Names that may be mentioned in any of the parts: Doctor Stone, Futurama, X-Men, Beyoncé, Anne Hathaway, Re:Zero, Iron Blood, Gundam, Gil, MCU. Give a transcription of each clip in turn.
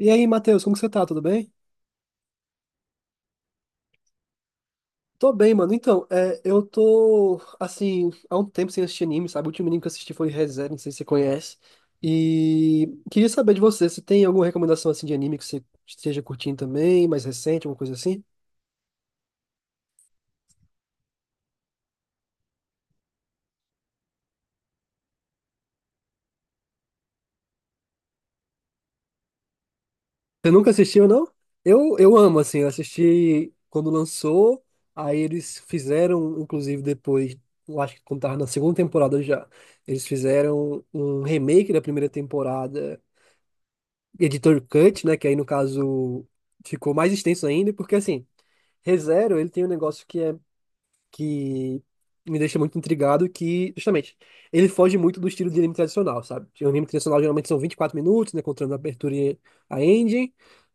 E aí, Matheus, como que você tá? Tudo bem? Tô bem, mano. Então, é, eu tô, assim, há um tempo sem assistir anime, sabe? O último anime que eu assisti foi Re:Zero, não sei se você conhece. E queria saber de você, se tem alguma recomendação, assim, de anime que você esteja curtindo também, mais recente, alguma coisa assim? Você nunca assistiu, não? Eu amo, assim, eu assisti quando lançou, aí eles fizeram, inclusive, depois, eu acho que quando tava na segunda temporada já, eles fizeram um remake da primeira temporada, editor cut, né? Que aí no caso ficou mais extenso ainda, porque assim, ReZero, ele tem um negócio que é que me deixa muito intrigado, que justamente ele foge muito do estilo de anime tradicional, sabe? O anime tradicional geralmente são 24 minutos, né? Contando a abertura e a ending.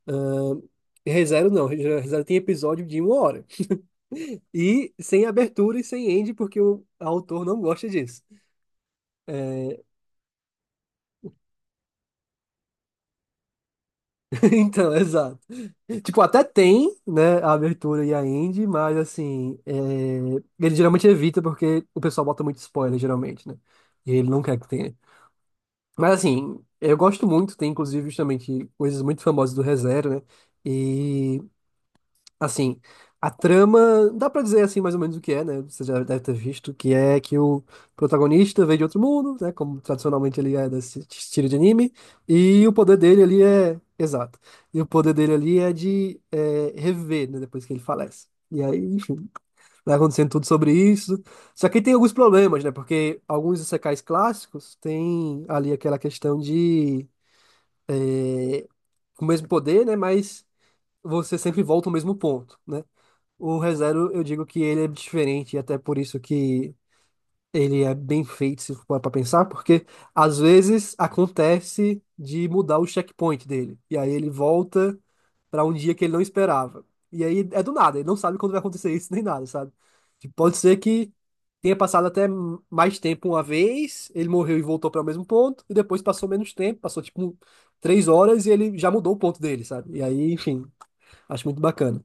Ahn, ReZero não, ReZero tem episódio de uma hora. E sem abertura e sem ending, porque o autor não gosta disso. É, então, exato. Tipo, até tem, né, a abertura e a end, mas assim, é, ele geralmente evita porque o pessoal bota muito spoiler, geralmente, né? E ele não quer que tenha. Mas assim, eu gosto muito, tem inclusive justamente coisas muito famosas do ReZero, né? Assim, a trama, dá pra dizer assim mais ou menos o que é, né? Você já deve ter visto, que é que o protagonista veio de outro mundo, né? Como tradicionalmente ele é desse estilo de anime, e o poder dele ali é, exato, e o poder dele ali é de é, reviver, né? Depois que ele falece. E aí, enfim, vai acontecendo tudo sobre isso. Só que tem alguns problemas, né? Porque alguns isekais clássicos têm ali aquela questão de eh, com o mesmo poder, né? Mas você sempre volta ao mesmo ponto, né? O ReZero, eu digo que ele é diferente, e até por isso que ele é bem feito, se for para pensar, porque às vezes acontece de mudar o checkpoint dele. E aí ele volta para um dia que ele não esperava. E aí é do nada, ele não sabe quando vai acontecer isso nem nada, sabe? Tipo, pode ser que tenha passado até mais tempo uma vez, ele morreu e voltou para o mesmo ponto, e depois passou menos tempo, passou tipo 3 horas e ele já mudou o ponto dele, sabe? E aí, enfim, acho muito bacana.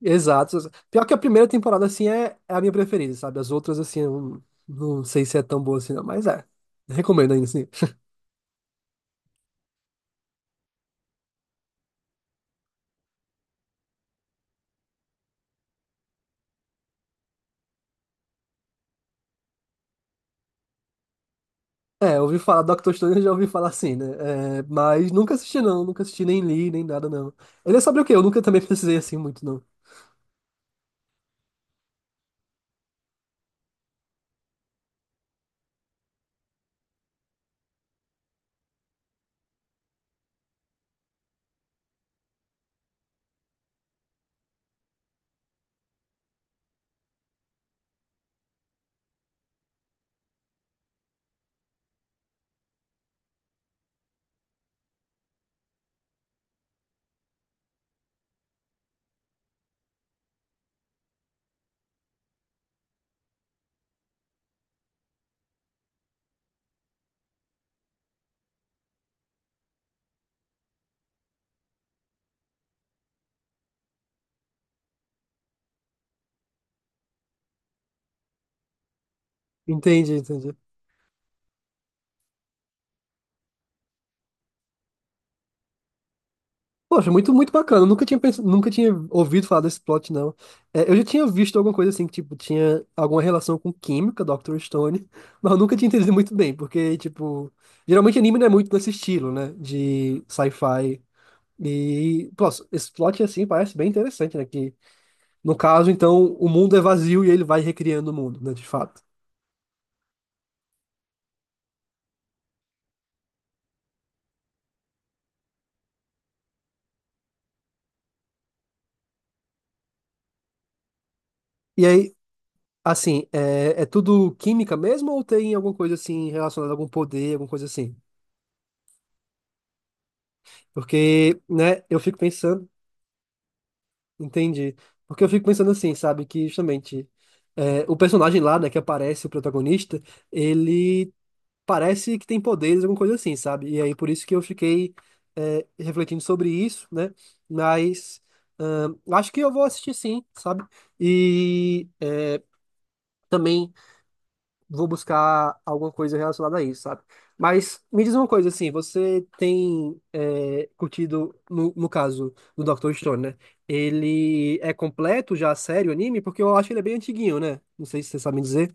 Exato. Pior que a primeira temporada, assim, é a minha preferida, sabe? As outras, assim, eu não sei se é tão boa assim, não, mas é. Recomendo ainda, assim. É, eu ouvi falar Doctor Stone, eu já ouvi falar assim, né? É, mas nunca assisti, não. Nunca assisti, nem li, nem nada, não. Ele é sobre o quê? Eu nunca também precisei, assim, muito, não. Entendi, entendi. Poxa, muito, muito bacana. Eu nunca tinha ouvido falar desse plot, não. É, eu já tinha visto alguma coisa assim, que, tipo, tinha alguma relação com química, Dr. Stone, mas eu nunca tinha entendido muito bem, porque, tipo, geralmente anime não é muito nesse estilo, né? De sci-fi. E, pô, esse plot, assim, parece bem interessante, né? Que, no caso, então, o mundo é vazio e ele vai recriando o mundo, né, de fato. E aí, assim, é, tudo química mesmo ou tem alguma coisa, assim, relacionada a algum poder, alguma coisa assim? Porque, né, eu fico pensando. Entendi. Porque eu fico pensando assim, sabe, que justamente é, o personagem lá, né, que aparece, o protagonista, ele parece que tem poderes, alguma coisa assim, sabe? E aí por isso que eu fiquei é, refletindo sobre isso, né? Mas acho que eu vou assistir sim, sabe? E é, também vou buscar alguma coisa relacionada a isso, sabe? Mas me diz uma coisa, assim, você tem é, curtido, no caso do Dr. Stone, né? Ele é completo já, sério, o anime? Porque eu acho que ele é bem antiguinho, né? Não sei se você sabe me dizer.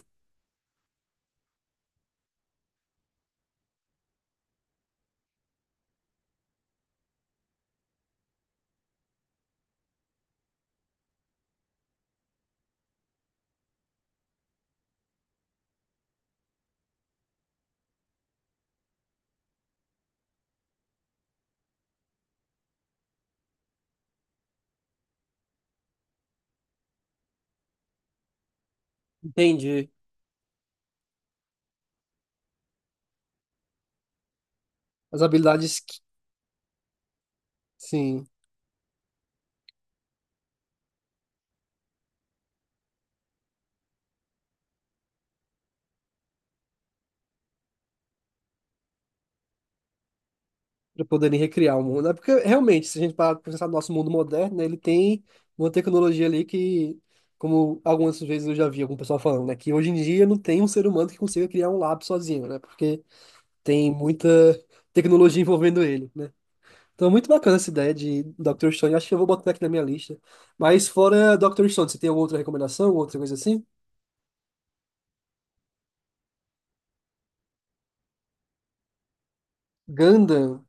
Entendi. As habilidades, sim, para poderem recriar o mundo. É porque, realmente, se a gente parar pra pensar no nosso mundo moderno, né, ele tem uma tecnologia ali que, como algumas vezes eu já vi algum pessoal falando, né, que hoje em dia não tem um ser humano que consiga criar um lápis sozinho, né? Porque tem muita tecnologia envolvendo ele, né? Então, é muito bacana essa ideia de Dr. Stone. Acho que eu vou botar aqui na minha lista. Mas fora Dr. Stone, você tem alguma outra recomendação, outra coisa assim? Gundam.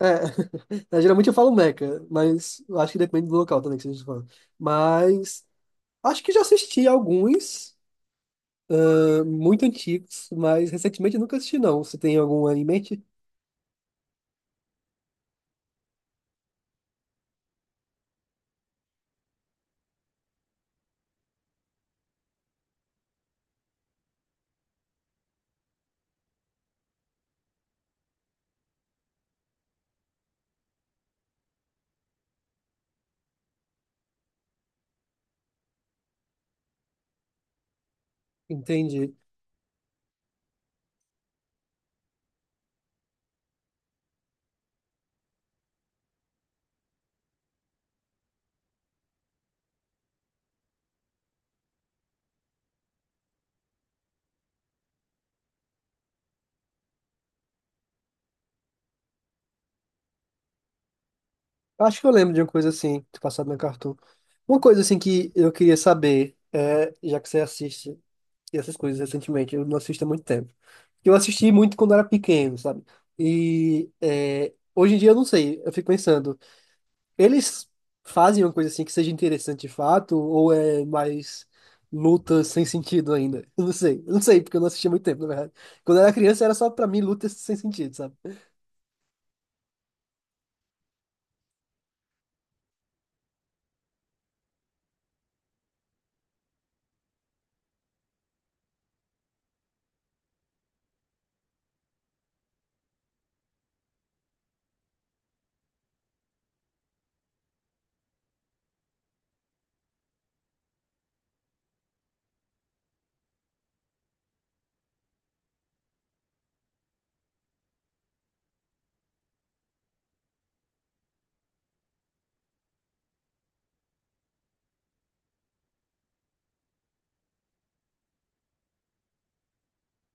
É, é, geralmente eu falo Mecha, mas eu acho que depende do local também que vocês falam. Mas acho que já assisti alguns, muito antigos, mas recentemente eu nunca assisti, não. Você tem algum em mente? Entendi. Acho que eu lembro de uma coisa assim, que passado na Cartoon. Uma coisa assim que eu queria saber, é, já que você assiste e essas coisas recentemente. Eu não assisto há muito tempo. Eu assisti muito quando era pequeno, sabe? E é, hoje em dia eu não sei. Eu fico pensando, eles fazem uma coisa assim que seja interessante de fato ou é mais luta sem sentido ainda? Eu não sei. Eu não sei, porque eu não assisti há muito tempo, na verdade. Quando eu era criança era só pra mim luta sem sentido, sabe?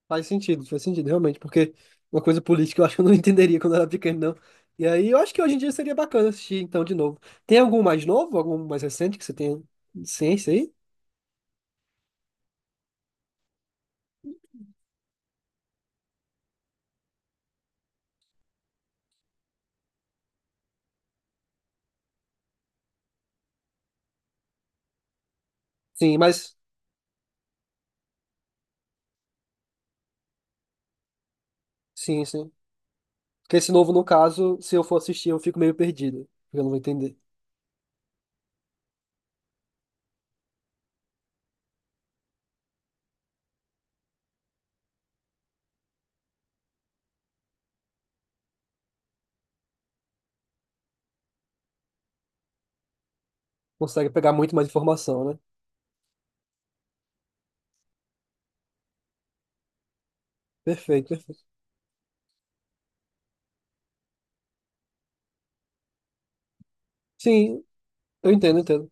Faz sentido, realmente, porque uma coisa política eu acho que eu não entenderia quando eu era pequeno, não. E aí eu acho que hoje em dia seria bacana assistir então de novo. Tem algum mais novo, algum mais recente que você tenha ciência aí? Sim, mas. Sim, sim. Porque esse novo, no caso, se eu for assistir, eu fico meio perdido. Porque eu não vou entender. Consegue pegar muito mais informação, né? Perfeito, perfeito. Sim, eu entendo, entendo.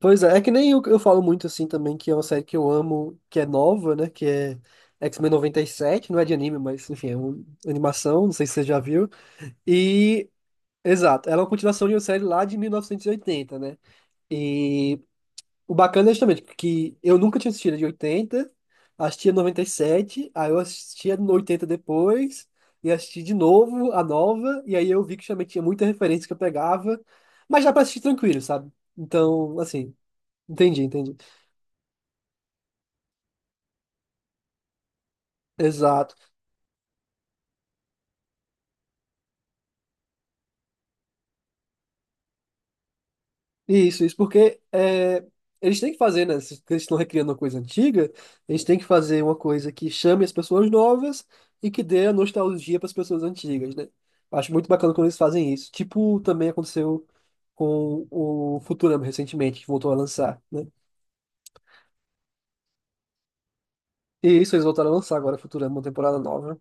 Pois é que nem eu, falo muito assim também, que é uma série que eu amo, que é nova, né? Que é X-Men 97, não é de anime, mas enfim, é uma animação, não sei se você já viu. E. Exato, ela é uma continuação de uma série lá de 1980, né? E o bacana é justamente que eu nunca tinha assistido a de 80, assistia sete aí eu assistia no 80 depois, e assisti de novo a nova, e aí eu vi que justamente tinha muita referência que eu pegava, mas dá pra assistir tranquilo, sabe? Então, assim, entendi, entendi. Exato. Isso, porque é, eles têm que fazer, né? Se eles estão recriando uma coisa antiga, eles têm que fazer uma coisa que chame as pessoas novas e que dê a nostalgia para as pessoas antigas, né? Acho muito bacana quando eles fazem isso. Tipo, também aconteceu com o Futurama recentemente, que voltou a lançar, né? E isso, eles voltaram a lançar agora Futurama, uma temporada nova,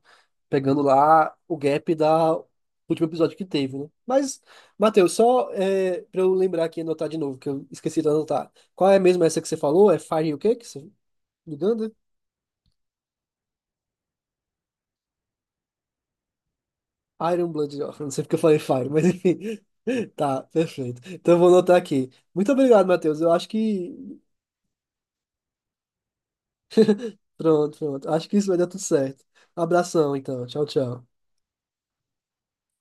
pegando lá o gap da do último episódio que teve, né? Mas, Matheus, só é, para eu lembrar aqui e anotar de novo, que eu esqueci de anotar. Qual é mesmo essa que você falou? É Fire o quê? Que você... Uganda? Iron Blood, ó, não sei porque eu falei Fire, mas enfim. Tá, perfeito. Então eu vou anotar aqui. Muito obrigado, Matheus. Eu acho que. Pronto, pronto. Acho que isso vai dar tudo certo. Abração, então. Tchau, tchau.